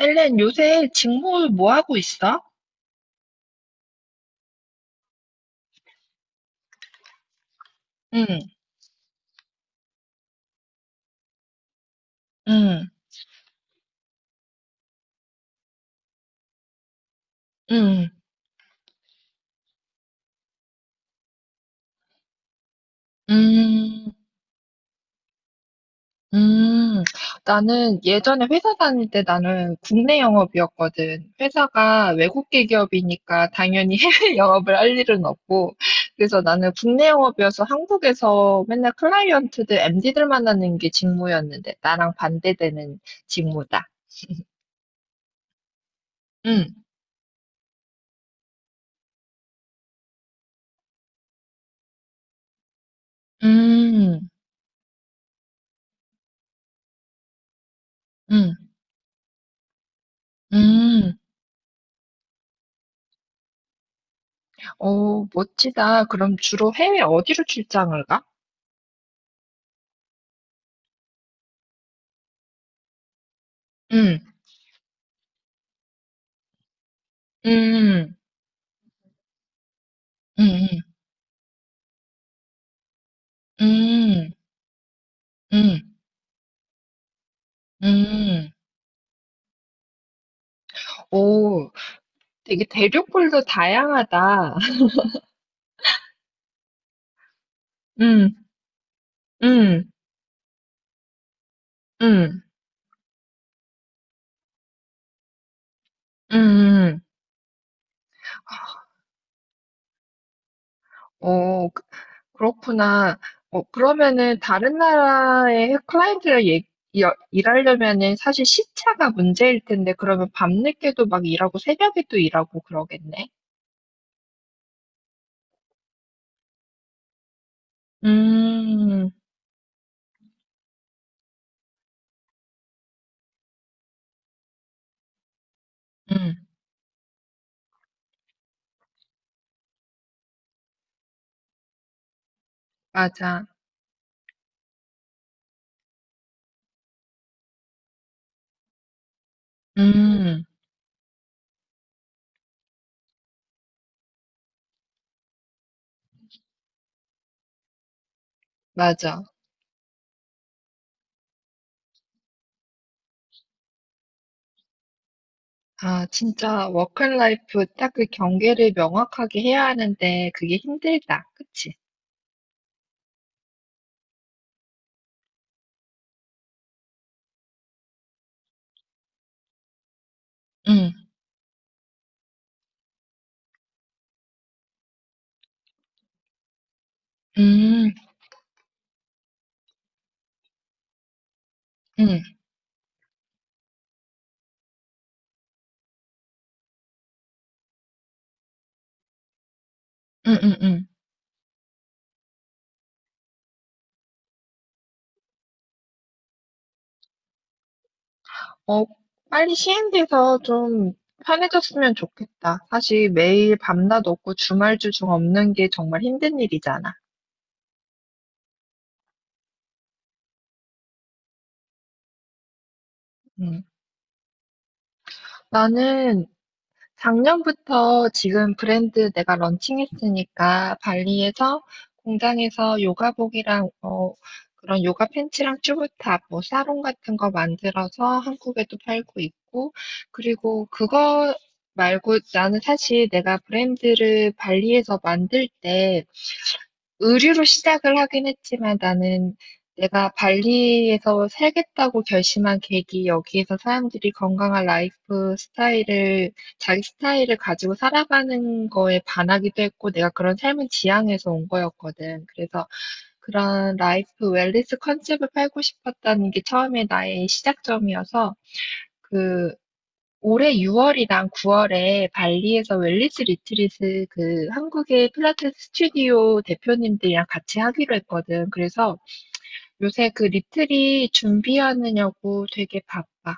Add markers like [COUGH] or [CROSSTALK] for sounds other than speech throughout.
헬렌, 요새 직무 뭐 하고 있어? 응, 응, 응, 음, 음. 나는 예전에 회사 다닐 때 나는 국내 영업이었거든. 회사가 외국계 기업이니까 당연히 [LAUGHS] 해외 영업을 할 일은 없고. 그래서 나는 국내 영업이어서 한국에서 맨날 클라이언트들, MD들 만나는 게 직무였는데 나랑 반대되는 직무다. 응, 음, 음, 음. 오, 멋지다. 그럼 주로 해외 어디로 출장을 가? 음, 음, 음, 음, 음, 음. 오, 되게 대륙별로 다양하다. [LAUGHS] 음, 음, 음, 음, 음. 오, 그렇구나. 어, 그러면은 다른 나라의 클라이언트랑 일하려면은 사실 시차가 문제일 텐데, 그러면 밤늦게도 막 일하고 새벽에도 일하고 그러겠네. 음, 음, 맞아. 음. 맞아. 아 진짜 워크 라이프 딱 그 경계를 명확하게 해야 하는데 그게 힘들다. 그치? 응 음. 응 응응응 어 빨리 시행돼서 좀 편해졌으면 좋겠다. 사실 매일 밤낮 없고 주말 주중 없는 게 정말 힘든 일이잖아. 음. 나는 작년부터 지금 브랜드 내가 런칭했으니까 발리에서 공장에서 요가복이랑 그런 요가 팬츠랑 튜브탑, 뭐 사롱 같은 거 만들어서 한국에도 팔고 있고 그리고 그거 말고 나는 사실 내가 브랜드를 발리에서 만들 때 의류로 시작을 하긴 했지만 나는 내가 발리에서 살겠다고 결심한 계기, 여기에서 사람들이 건강한 라이프 스타일을, 자기 스타일을 가지고 살아가는 거에 반하기도 했고, 내가 그런 삶을 지향해서 온 거였거든. 그래서 그런 라이프 웰니스 컨셉을 팔고 싶었다는 게 처음에 나의 시작점이어서, 그 올해 6월이랑 9월에 발리에서 웰니스 리트릿을 그 한국의 필라테스 스튜디오 대표님들이랑 같이 하기로 했거든. 그래서 요새 그 리트릿 준비하느냐고 되게 바빠.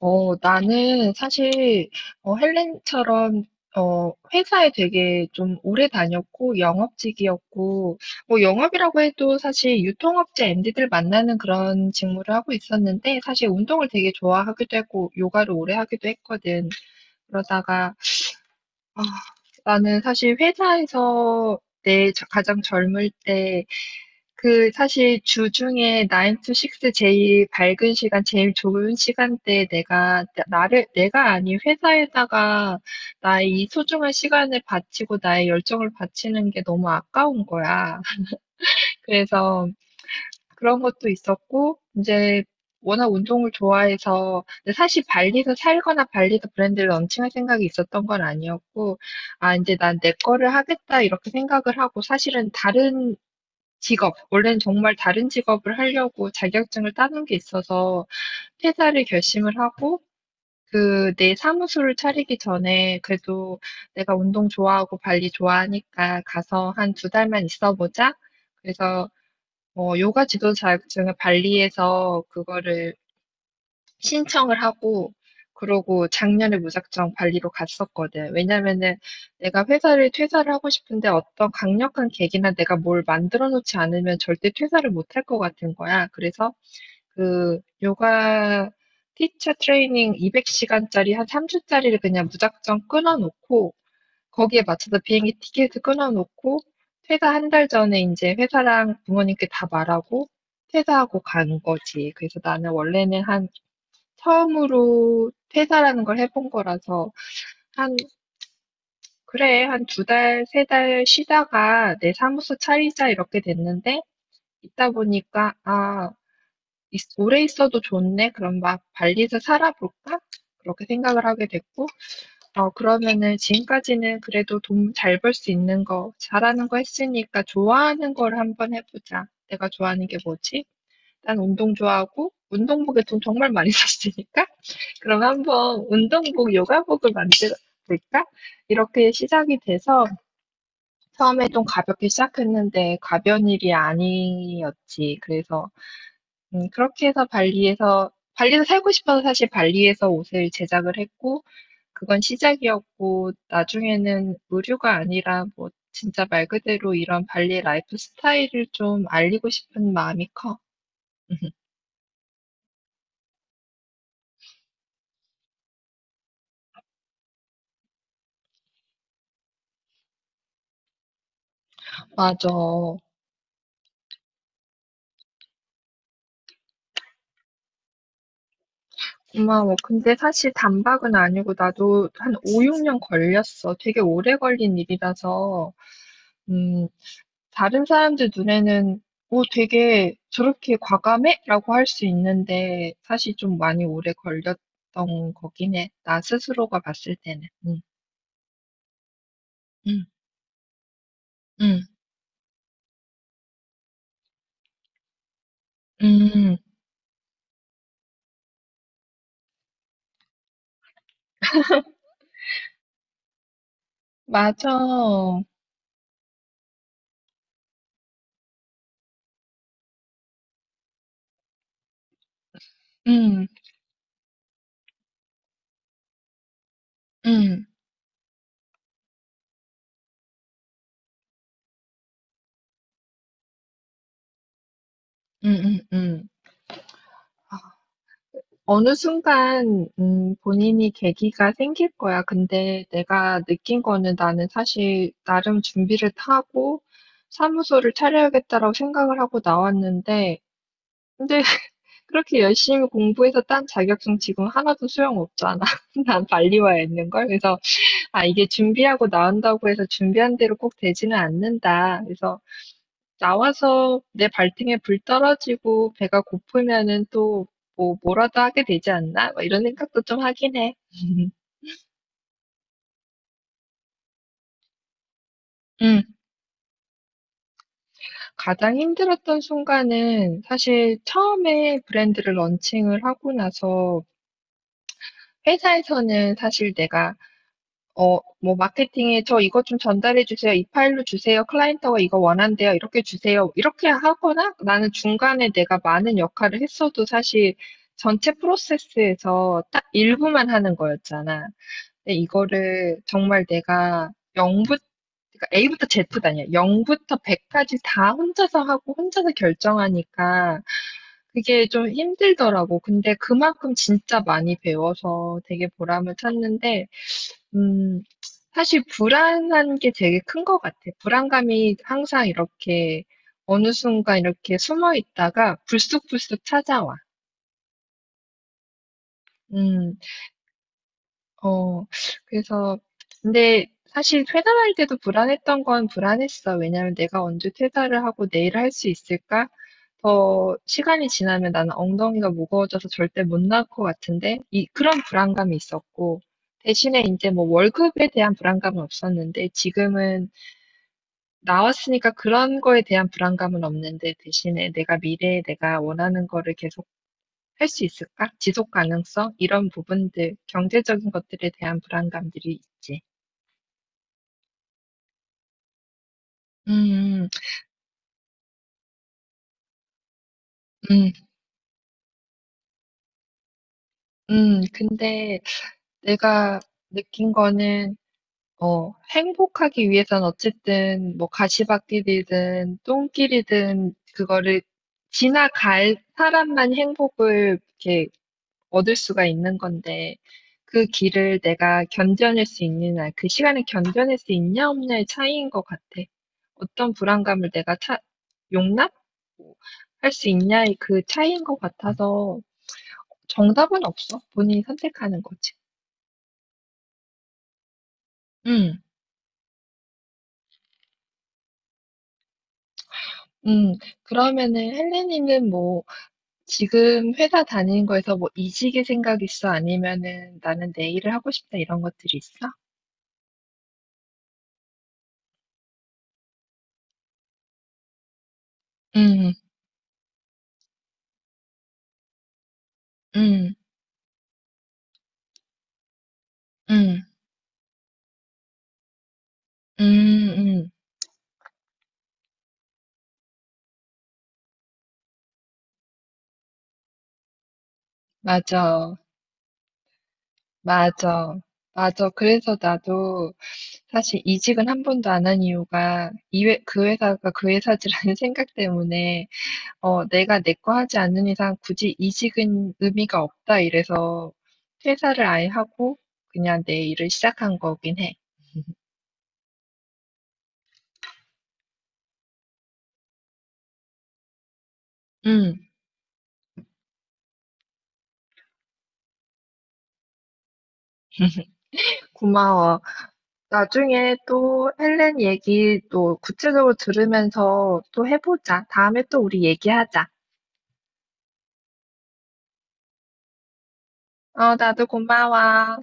나는 사실, 헬렌처럼, 회사에 되게 좀 오래 다녔고, 영업직이었고, 뭐, 영업이라고 해도 사실 유통업체 MD들 만나는 그런 직무를 하고 있었는데, 사실 운동을 되게 좋아하기도 했고, 요가를 오래 하기도 했거든. 그러다가, 아, 나는 사실 회사에서 내 가장 젊을 때 그 사실 주중에 9 to 6 제일 밝은 시간, 제일 좋은 시간대에 내가 나를 내가 아닌 회사에다가 나의 이 소중한 시간을 바치고 나의 열정을 바치는 게 너무 아까운 거야. 그래서 그런 것도 있었고 이제 워낙 운동을 좋아해서 근데 사실 발리서 살거나 발리서 브랜드를 런칭할 생각이 있었던 건 아니었고 '아 이제 난 내 거를 하겠다.' 이렇게 생각을 하고 사실은 다른 직업. 원래는 정말 다른 직업을 하려고 자격증을 따는 게 있어서 퇴사를 결심을 하고 그 내 사무소를 차리기 전에 그래도 내가 운동 좋아하고 발리 좋아하니까 가서 한 두 달만 있어 보자. 그래서 요가 지도 자격증을 발리에서 그거를 신청을 하고 그러고 작년에 무작정 발리로 갔었거든. 왜냐면은 내가 회사를 퇴사를 하고 싶은데 어떤 강력한 계기나 내가 뭘 만들어 놓지 않으면 절대 퇴사를 못 할 것 같은 거야. 그래서 그 요가 티처 트레이닝 200시간짜리 한 3주짜리를 그냥 무작정 끊어 놓고 거기에 맞춰서 비행기 티켓을 끊어 놓고 퇴사 한 달 전에 이제 회사랑 부모님께 다 말하고 퇴사하고 간 거지. 그래서 나는 원래는 한 처음으로 퇴사라는 걸 해본 거라서 한 그래 한 두 달, 세달 쉬다가 내 사무소 차리자 이렇게 됐는데 있다 보니까 아 오래 있어도 좋네 그럼 막 발리에서 살아볼까 그렇게 생각을 하게 됐고 어 그러면은 지금까지는 그래도 돈 잘 벌 수 있는 거 잘하는 거 했으니까 좋아하는 걸 한번 해보자 내가 좋아하는 게 뭐지? 난 운동 좋아하고 운동복에 돈 정말 많이 [LAUGHS] 썼으니까 그럼 한번 운동복, 요가복을 만들까? 볼 이렇게 시작이 돼서 처음에 좀 가볍게 시작했는데 가벼운 일이 아니었지. 그래서 그렇게 해서 발리에서 살고 싶어서 사실 발리에서 옷을 제작을 했고 그건 시작이었고 나중에는 의류가 아니라 뭐 진짜 말 그대로 이런 발리 라이프 스타일을 좀 알리고 싶은 마음이 커. [LAUGHS] 맞아. 고마워. 근데 사실 단박은 아니고 나도 한 5, 6년 걸렸어. 되게 오래 걸린 일이라서, 음, 다른 사람들 눈에는 오, 되게 저렇게 과감해? 라고 할 수 있는데 사실 좀 많이 오래 걸렸던 거긴 해. 나 스스로가 봤을 때는. 응, 응, 응, 응. 맞아. 응, 응, 응, 응, 응. 어느 순간 본인이 계기가 생길 거야. 근데 내가 느낀 거는 나는 사실 나름 준비를 다 하고 사무소를 차려야겠다라고 생각을 하고 나왔는데 근데 [LAUGHS] 그렇게 열심히 공부해서 딴 자격증 지금 하나도 소용없잖아. [LAUGHS] 난 빨리 와 있는 걸. 그래서 아 이게 준비하고 나온다고 해서 준비한 대로 꼭 되지는 않는다. 그래서 나와서 내 발등에 불 떨어지고 배가 고프면은 또 뭐 뭐라도 하게 되지 않나? 막 이런 생각도 좀 하긴 해. [LAUGHS] 응, 가장 힘들었던 순간은 사실 처음에 브랜드를 런칭을 하고 나서 회사에서는 사실 내가 뭐, 마케팅에 저 이거 좀 전달해 주세요. 이 파일로 주세요. 클라이언트가 이거 원한대요. 이렇게 주세요. 이렇게 하거나 나는 중간에 내가 많은 역할을 했어도 사실 전체 프로세스에서 딱 일부만 하는 거였잖아. 근데 이거를 정말 내가 0부터, A부터 Z도 아니야. 0부터 100까지 다 혼자서 하고 혼자서 결정하니까 그게 좀 힘들더라고. 근데 그만큼 진짜 많이 배워서 되게 보람을 찾는데 음, 사실 불안한 게 되게 큰 것 같아. 불안감이 항상 이렇게 어느 순간 이렇게 숨어 있다가 불쑥불쑥 찾아와. 음, 어, 그래서, 근데 사실 퇴사할 때도 불안했던 건 불안했어. 왜냐면 내가 언제 퇴사를 하고 내일 할 수 있을까? 더 시간이 지나면 나는 엉덩이가 무거워져서 절대 못 나올 것 같은데, 이, 그런 불안감이 있었고, 대신에 이제 뭐 월급에 대한 불안감은 없었는데, 지금은 나왔으니까 그런 거에 대한 불안감은 없는데 대신에 내가 미래에 내가 원하는 거를 계속 할 수 있을까? 지속 가능성? 이런 부분들, 경제적인 것들에 대한 불안감들이 있지. 음, 음, 근데 내가 느낀 거는, 행복하기 위해선 어쨌든 뭐 가시밭길이든 똥길이든 그거를 지나갈 사람만 행복을 이렇게 얻을 수가 있는 건데 그 길을 내가 견뎌낼 수 있느냐, 그 시간을 견뎌낼 수 있냐 없냐의 차이인 것 같아. 어떤 불안감을 내가 용납? 할 수 있냐의 그 차이인 것 같아서 정답은 없어. 본인이 선택하는 거지. 음, 음. 그러면은 헬레니는 뭐 지금 회사 다니는 거에서 뭐 이직의 생각 있어? 아니면은 나는 내 일을 하고 싶다 이런 것들이 있어? 음, 음, 음, 음, 음. 맞아. 맞아. 맞아. 그래서 나도 사실 이직은 한 번도 안한 이유가 그 회사가 그 회사지라는 [LAUGHS] 생각 때문에 어, 내가 내 거 하지 않는 이상 굳이 이직은 의미가 없다 이래서 퇴사를 아예 하고 그냥 내 일을 시작한 거긴 해. 음, 고마워. 나중에 또 헬렌 얘기 또 구체적으로 들으면서 또 해보자. 다음에 또 우리 얘기하자. 어, 나도 고마워.